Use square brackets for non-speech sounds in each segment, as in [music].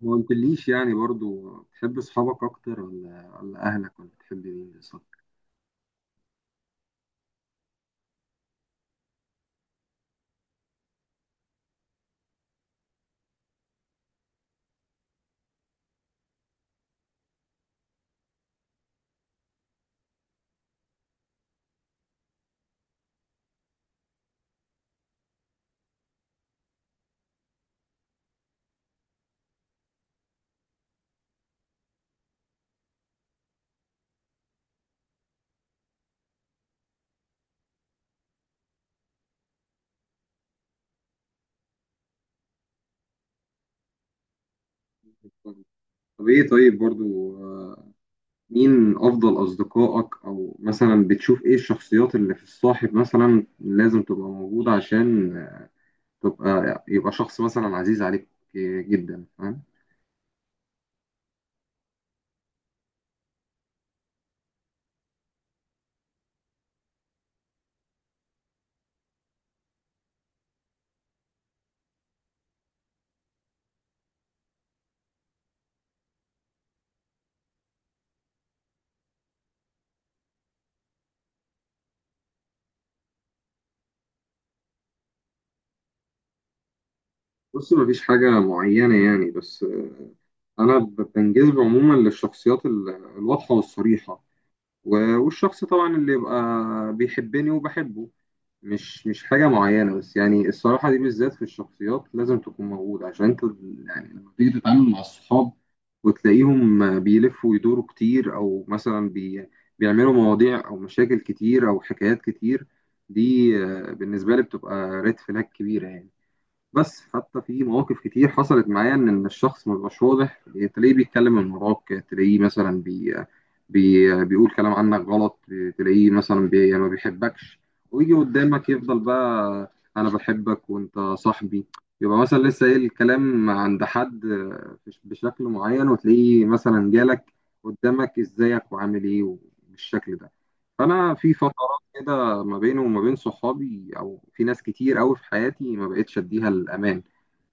ما قلتليش يعني برضو بتحب اصحابك اكتر ولا اهلك ولا بتحب مين بالظبط؟ طب ايه؟ طيب برضو مين افضل اصدقائك؟ او مثلا بتشوف ايه الشخصيات اللي في الصاحب مثلا لازم تبقى موجودة عشان يبقى شخص مثلا عزيز عليك جدا؟ فاهم. بص، مفيش حاجة معينة يعني، بس أنا بنجذب عموما للشخصيات الواضحة والصريحة، والشخص طبعا اللي يبقى بيحبني وبحبه. مش حاجة معينة بس، يعني الصراحة دي بالذات في الشخصيات لازم تكون موجودة، عشان انت يعني لما تيجي تتعامل مع الصحاب وتلاقيهم بيلفوا ويدوروا كتير، او مثلا بيعملوا مواضيع او مشاكل كتير او حكايات كتير، دي بالنسبة لي بتبقى ريد فلاج كبيرة يعني. بس حتى في مواقف كتير حصلت معايا ان إن الشخص ما بيبقاش واضح، إيه، تلاقيه بيتكلم من وراك، تلاقيه مثلا بي بي بيقول كلام عنك غلط، تلاقيه مثلا يعني ما بيحبكش، ويجي قدامك يفضل بقى انا بحبك وانت صاحبي. يبقى مثلا لسه ايه الكلام عند حد بشكل معين، وتلاقيه مثلا جالك قدامك ازيك وعامل ايه؟ بالشكل ده. فانا في فترات كده ما بينه وما بين صحابي، او في ناس كتير قوي في حياتي ما بقتش اديها الامان.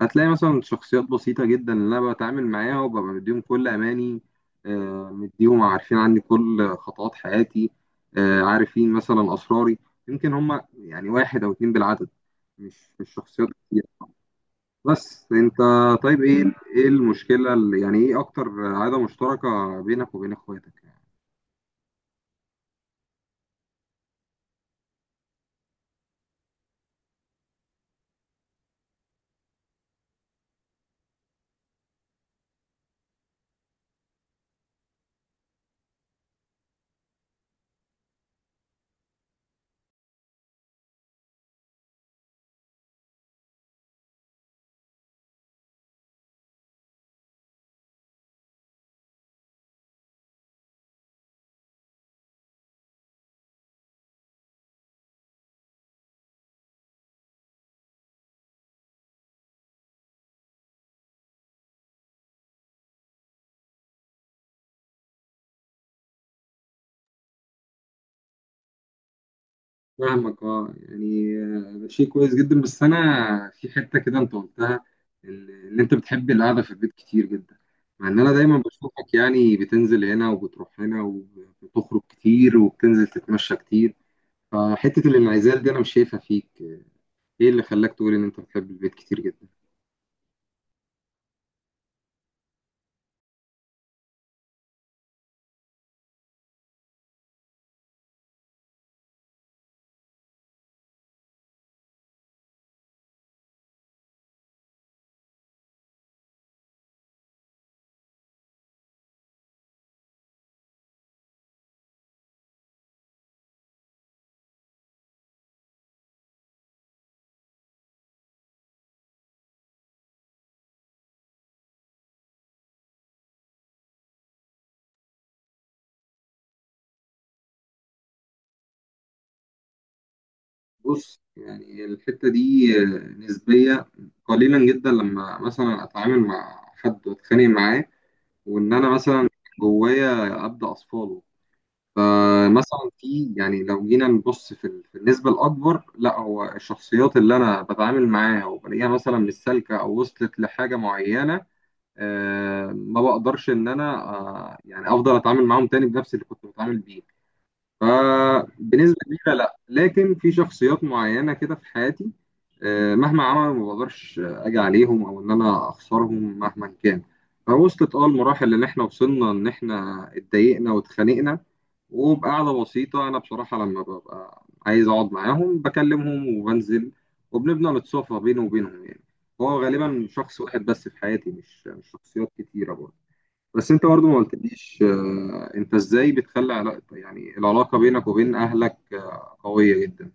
هتلاقي مثلا شخصيات بسيطه جدا اللي انا بتعامل معاها وببقى مديهم كل اماني، مديهم عارفين عني كل خطوات حياتي، عارفين مثلا اسراري. يمكن هم يعني واحد او اتنين بالعدد، مش شخصيات كتير. بس انت، طيب ايه، ايه المشكله اللي يعني، ايه اكتر عاده مشتركه بينك وبين اخواتك؟ فاهمك. اه يعني ده شيء كويس جدا، بس انا في حته كده انت قلتها، ان ان انت بتحب القعده في البيت كتير جدا، مع ان انا دايما بشوفك يعني بتنزل هنا وبتروح هنا وبتخرج كتير وبتنزل تتمشى كتير، فحته الانعزال دي انا مش شايفها فيك. ايه اللي خلاك تقول ان انت بتحب البيت كتير جدا؟ بص يعني الحته دي نسبيه، قليلا جدا لما مثلا اتعامل مع حد واتخانق معاه وان انا مثلا جوايا ابدا اصفاله. فمثلا في، يعني لو جينا نبص في النسبة الأكبر لا، هو الشخصيات اللي أنا بتعامل معاها وبلاقيها مثلا مش سالكة أو وصلت لحاجة معينة ما بقدرش إن أنا يعني أفضل أتعامل معاهم تاني بنفس اللي كنت بتعامل بيه. فبنسبة كبيرة لا، لكن في شخصيات معينة كده في حياتي مهما عملوا ما بقدرش اجي عليهم او ان انا اخسرهم مهما كان. فوصلت اه المراحل اللي احنا وصلنا ان احنا اتضايقنا واتخانقنا، وبقعدة بسيطة أنا بصراحة لما ببقى عايز أقعد معاهم بكلمهم وبنزل، وبنبدأ نتصافى بيني وبينهم يعني. هو غالبا شخص واحد بس في حياتي، مش شخصيات كتيرة برضه. بس انت برضه ما قلتليش انت ازاي بتخلي علاقة، يعني العلاقة بينك وبين اهلك قوية جدا؟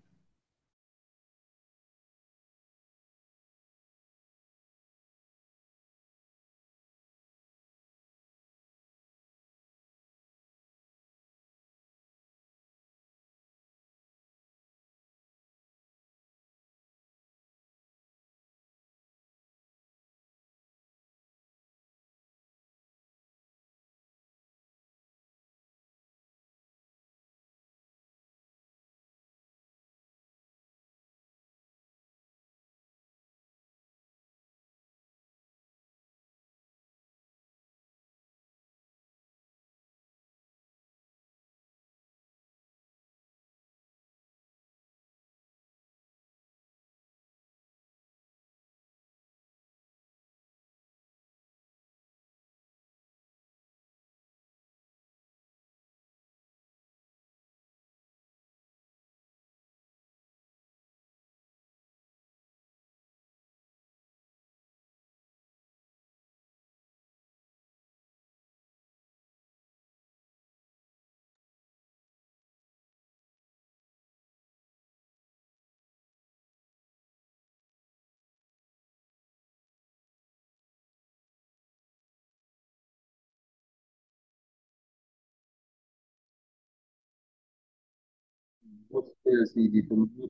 بص يا سيدي، تمام.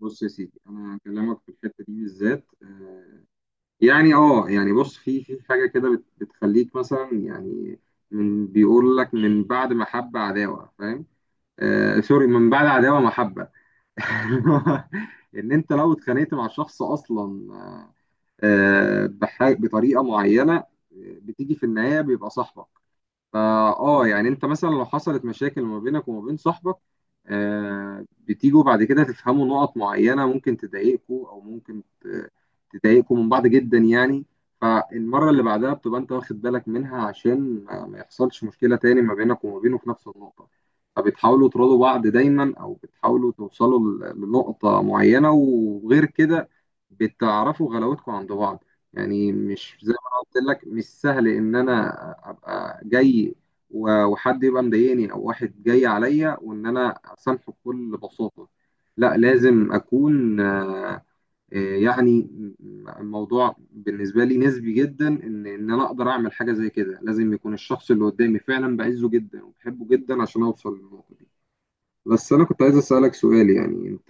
بص يا سيدي، انا هكلمك في الحتة دي بالذات يعني اه يعني بص، في في حاجة كده بتخليك مثلا يعني، من بيقول لك من بعد محبة عداوة، فاهم؟ آه سوري، من بعد عداوة محبة. [laughs] ان انت لو اتخانقت مع شخص اصلا بطريقة معينة بتيجي في النهاية بيبقى صاحبك. فا اه يعني انت مثلا لو حصلت مشاكل ما بينك وما بين صاحبك بتيجوا بعد كده تفهموا نقط معينة ممكن تضايقكوا او تضايقكوا من بعض جدا يعني. فالمرة اللي بعدها بتبقى انت واخد بالك منها عشان ما يحصلش مشكلة تاني ما بينك وما بينه في نفس النقطة، فبتحاولوا تراضوا بعض دايما او بتحاولوا توصلوا لنقطة معينة، وغير كده بتعرفوا غلاوتكم عند بعض يعني. مش، قلت لك مش سهل ان انا ابقى جاي وحد يبقى مضايقني او واحد جاي عليا وان انا اسامحه بكل بساطه. لا، لازم اكون يعني الموضوع بالنسبه لي نسبي جدا، ان انا اقدر اعمل حاجه زي كده لازم يكون الشخص اللي قدامي فعلا بعزه جدا وبحبه جدا عشان اوصل للنقطه دي. بس أنا كنت عايز أسألك سؤال، يعني أنت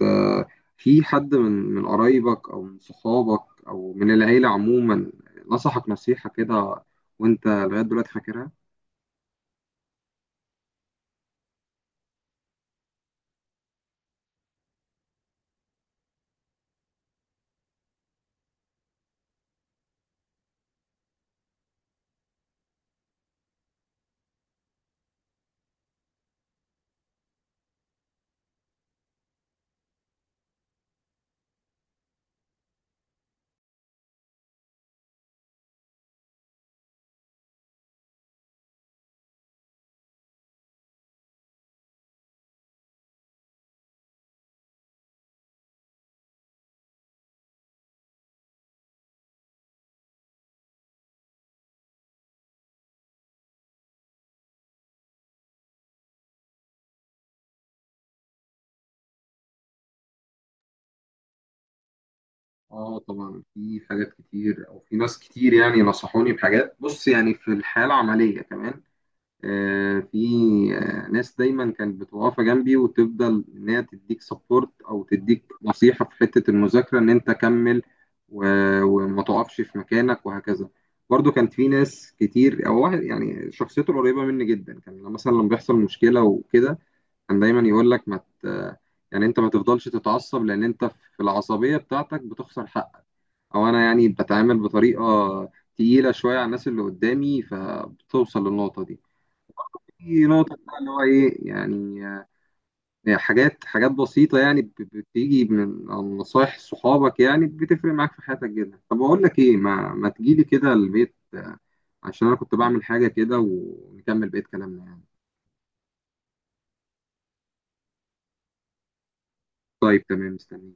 في حد من قرايبك أو من صحابك أو من العيلة عموما نصحك نصيحة كده، وأنت لغاية دلوقتي فاكرها؟ آه طبعا، في حاجات كتير أو في ناس كتير يعني نصحوني بحاجات. بص يعني في الحياة العملية كمان آه، في آه، ناس دايما كانت بتبقى واقفه جنبي وتفضل ان هي تديك سبورت او تديك نصيحه في حته المذاكره ان انت كمل، وما تقفش في مكانك وهكذا. برضو كانت في ناس كتير، او واحد يعني شخصيته قريبه مني جدا، كان لما مثلا لما بيحصل مشكله وكده كان دايما يقول لك ما ت... يعني انت ما تفضلش تتعصب، لان انت في العصبيه بتاعتك بتخسر حقك، او انا يعني بتعامل بطريقه تقيله شويه على الناس اللي قدامي، فبتوصل للنقطه دي في نقطة بقى اللي هو إيه يعني حاجات، حاجات بسيطة يعني بتيجي من عن نصايح صحابك يعني بتفرق معاك في حياتك جدا. طب أقول لك إيه، ما تجيلي كده البيت عشان أنا كنت بعمل حاجة كده ونكمل بقية كلامنا يعني. طيب تمام، مستني.